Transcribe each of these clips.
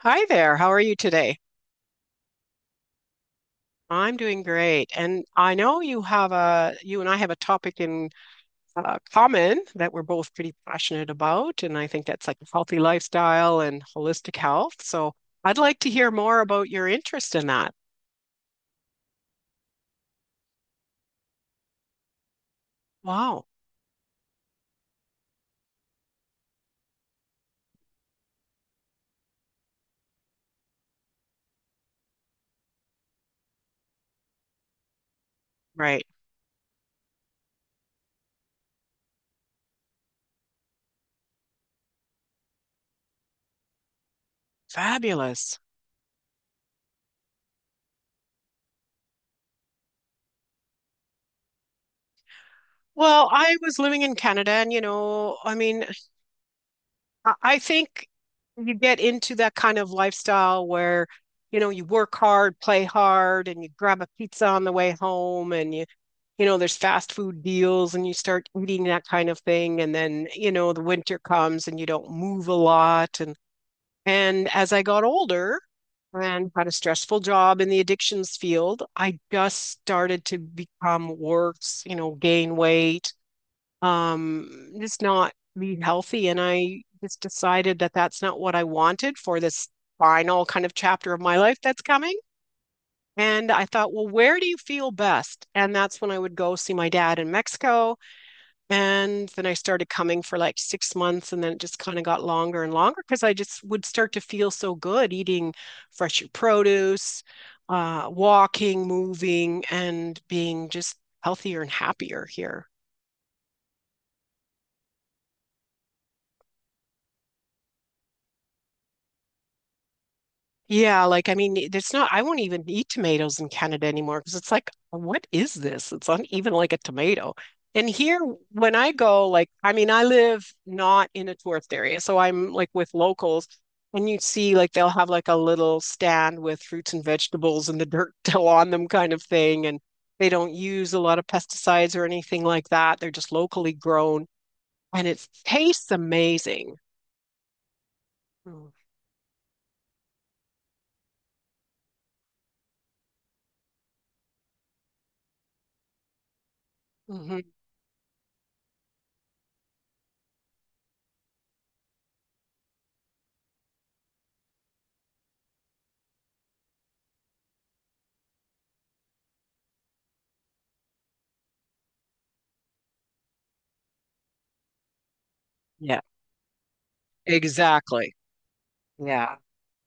Hi there. How are you today? I'm doing great. And I know you have a you and I have a topic in common that we're both pretty passionate about, and I think that's like a healthy lifestyle and holistic health. So I'd like to hear more about your interest in that. Wow. Right. Fabulous. Well, I was living in Canada and you know, I mean, I think you get into that kind of lifestyle where, you know, you work hard, play hard, and you grab a pizza on the way home and you know, there's fast food deals and you start eating that kind of thing. And then, you know, the winter comes and you don't move a lot. And as I got older and had a stressful job in the addictions field, I just started to become worse, you know, gain weight, just not be healthy. And I just decided that that's not what I wanted for this final kind of chapter of my life that's coming. And I thought, well, where do you feel best? And that's when I would go see my dad in Mexico. And then I started coming for like 6 months. And then it just kind of got longer and longer because I just would start to feel so good eating fresh produce, walking, moving, and being just healthier and happier here. Yeah, like I mean, it's not, I won't even eat tomatoes in Canada anymore because it's like, what is this? It's not even like a tomato. And here, when I go, like, I mean, I live not in a tourist area, so I'm like with locals, and you see, like, they'll have like a little stand with fruits and vegetables and the dirt still on them kind of thing. And they don't use a lot of pesticides or anything like that. They're just locally grown and it tastes amazing. Mm-hmm. Yeah, exactly. Yeah.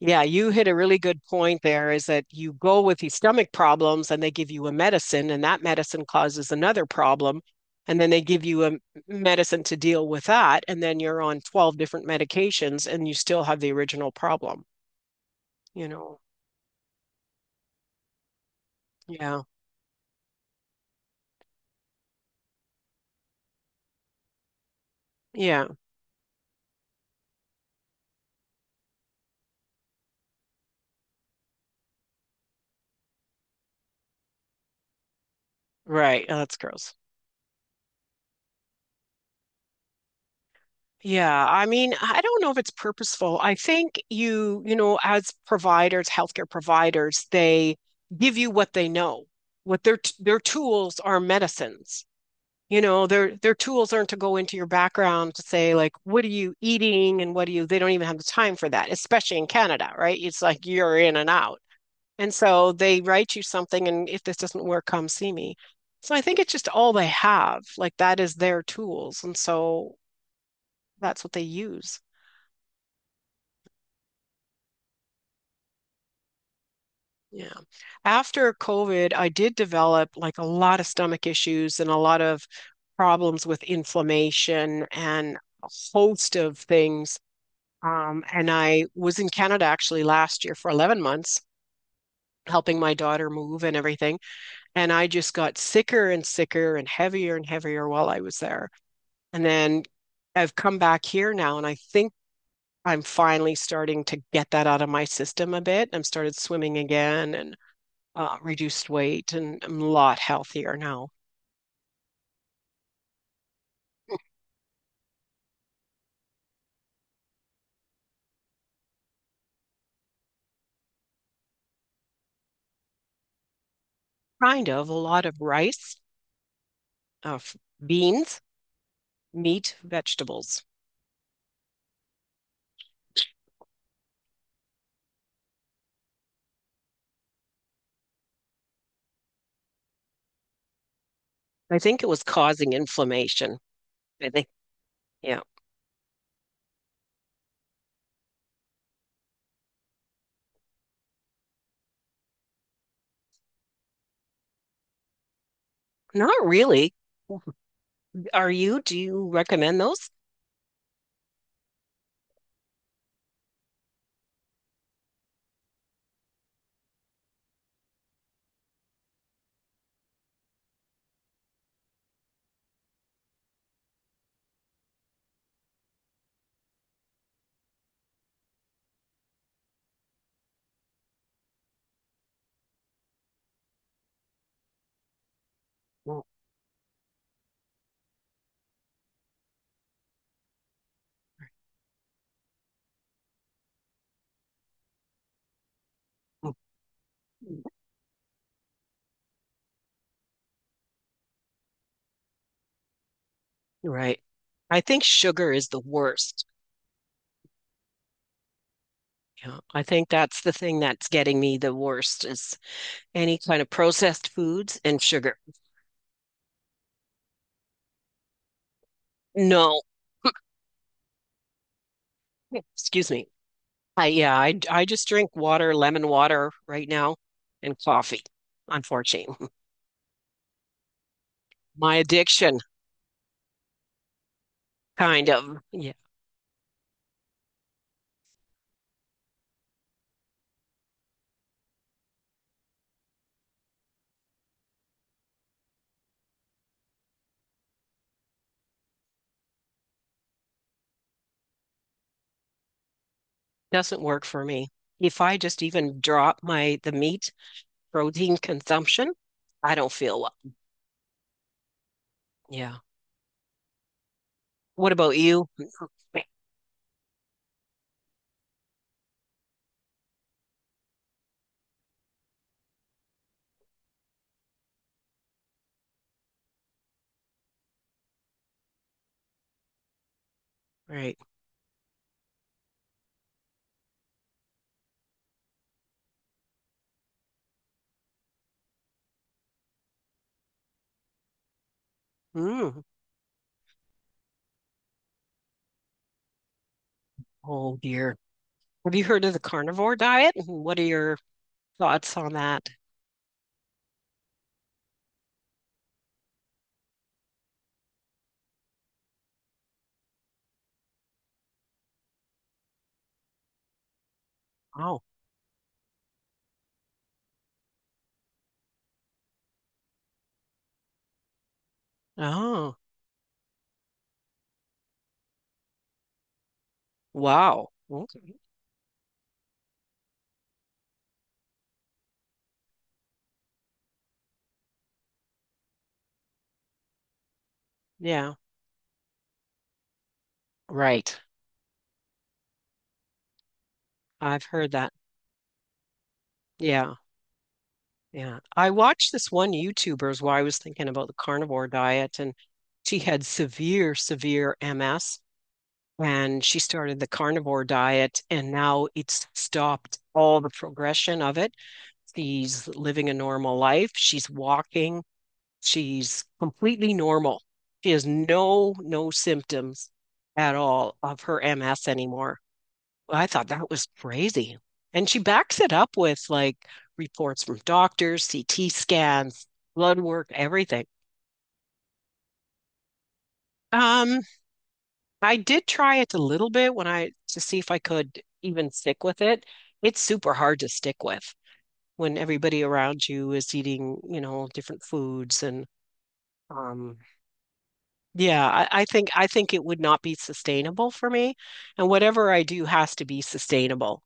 Yeah, you hit a really good point there is that you go with these stomach problems and they give you a medicine, and that medicine causes another problem. And then they give you a medicine to deal with that. And then you're on 12 different medications and you still have the original problem, you know? Yeah. Yeah. Right. Oh, that's gross. Yeah. I mean, I don't know if it's purposeful. I think you, you know, as providers, healthcare providers, they give you what they know. What their their tools are medicines. You know, their tools aren't to go into your background to say like, what are you eating and what do you, they don't even have the time for that, especially in Canada, right? It's like you're in and out. And so they write you something and if this doesn't work, come see me. So I think it's just all they have. Like that is their tools. And so that's what they use. Yeah. After COVID, I did develop like a lot of stomach issues and a lot of problems with inflammation and a host of things. And I was in Canada actually last year for 11 months, helping my daughter move and everything. And I just got sicker and sicker and heavier while I was there. And then I've come back here now, and I think I'm finally starting to get that out of my system a bit. I'm started swimming again and reduced weight, and I'm a lot healthier now. Kind of a lot of rice, uh, beans, meat, vegetables. I think it was causing inflammation. I think, yeah. Not really. Are you? Do you recommend those? Mm-mm. Right. I think sugar is the worst. Yeah, I think that's the thing that's getting me the worst is any kind of processed foods and sugar. No, excuse me. I yeah, I just drink water, lemon water right now, and coffee, unfortunately. My addiction kind of yeah, doesn't work for me. If I just even drop my the meat protein consumption, I don't feel well. Yeah. What about you? Right. Mm. Oh dear. Have you heard of the carnivore diet? Mm-hmm. What are your thoughts on that? Oh. Oh. Wow. Okay. Yeah. Right. I've heard that. Yeah. Yeah. I watched this one YouTuber's while I was thinking about the carnivore diet, and she had severe, severe MS, and she started the carnivore diet, and now it's stopped all the progression of it. She's living a normal life. She's walking. She's completely normal. She has no symptoms at all of her MS anymore. I thought that was crazy. And she backs it up with like reports from doctors, CT scans, blood work, everything. Um, I did try it a little bit when I to see if I could even stick with it. It's super hard to stick with when everybody around you is eating, you know, different foods and um Yeah, I, I think it would not be sustainable for me, and whatever I do has to be sustainable.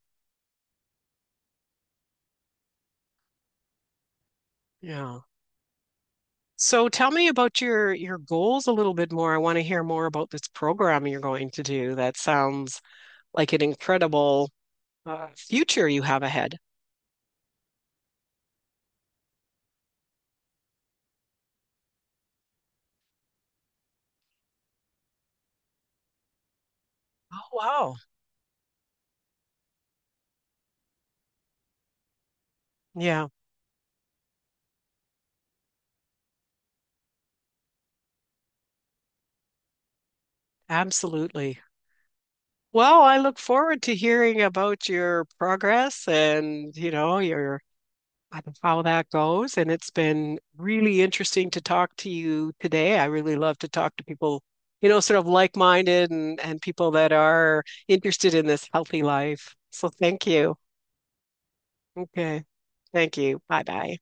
Yeah. So tell me about your goals a little bit more. I want to hear more about this program you're going to do. That sounds like an incredible future you have ahead. Oh, wow. Yeah, absolutely. Well, I look forward to hearing about your progress and, you know, your on how that goes. And it's been really interesting to talk to you today. I really love to talk to people, you know, sort of like minded and people that are interested in this healthy life. So thank you. Okay. Thank you. Bye bye.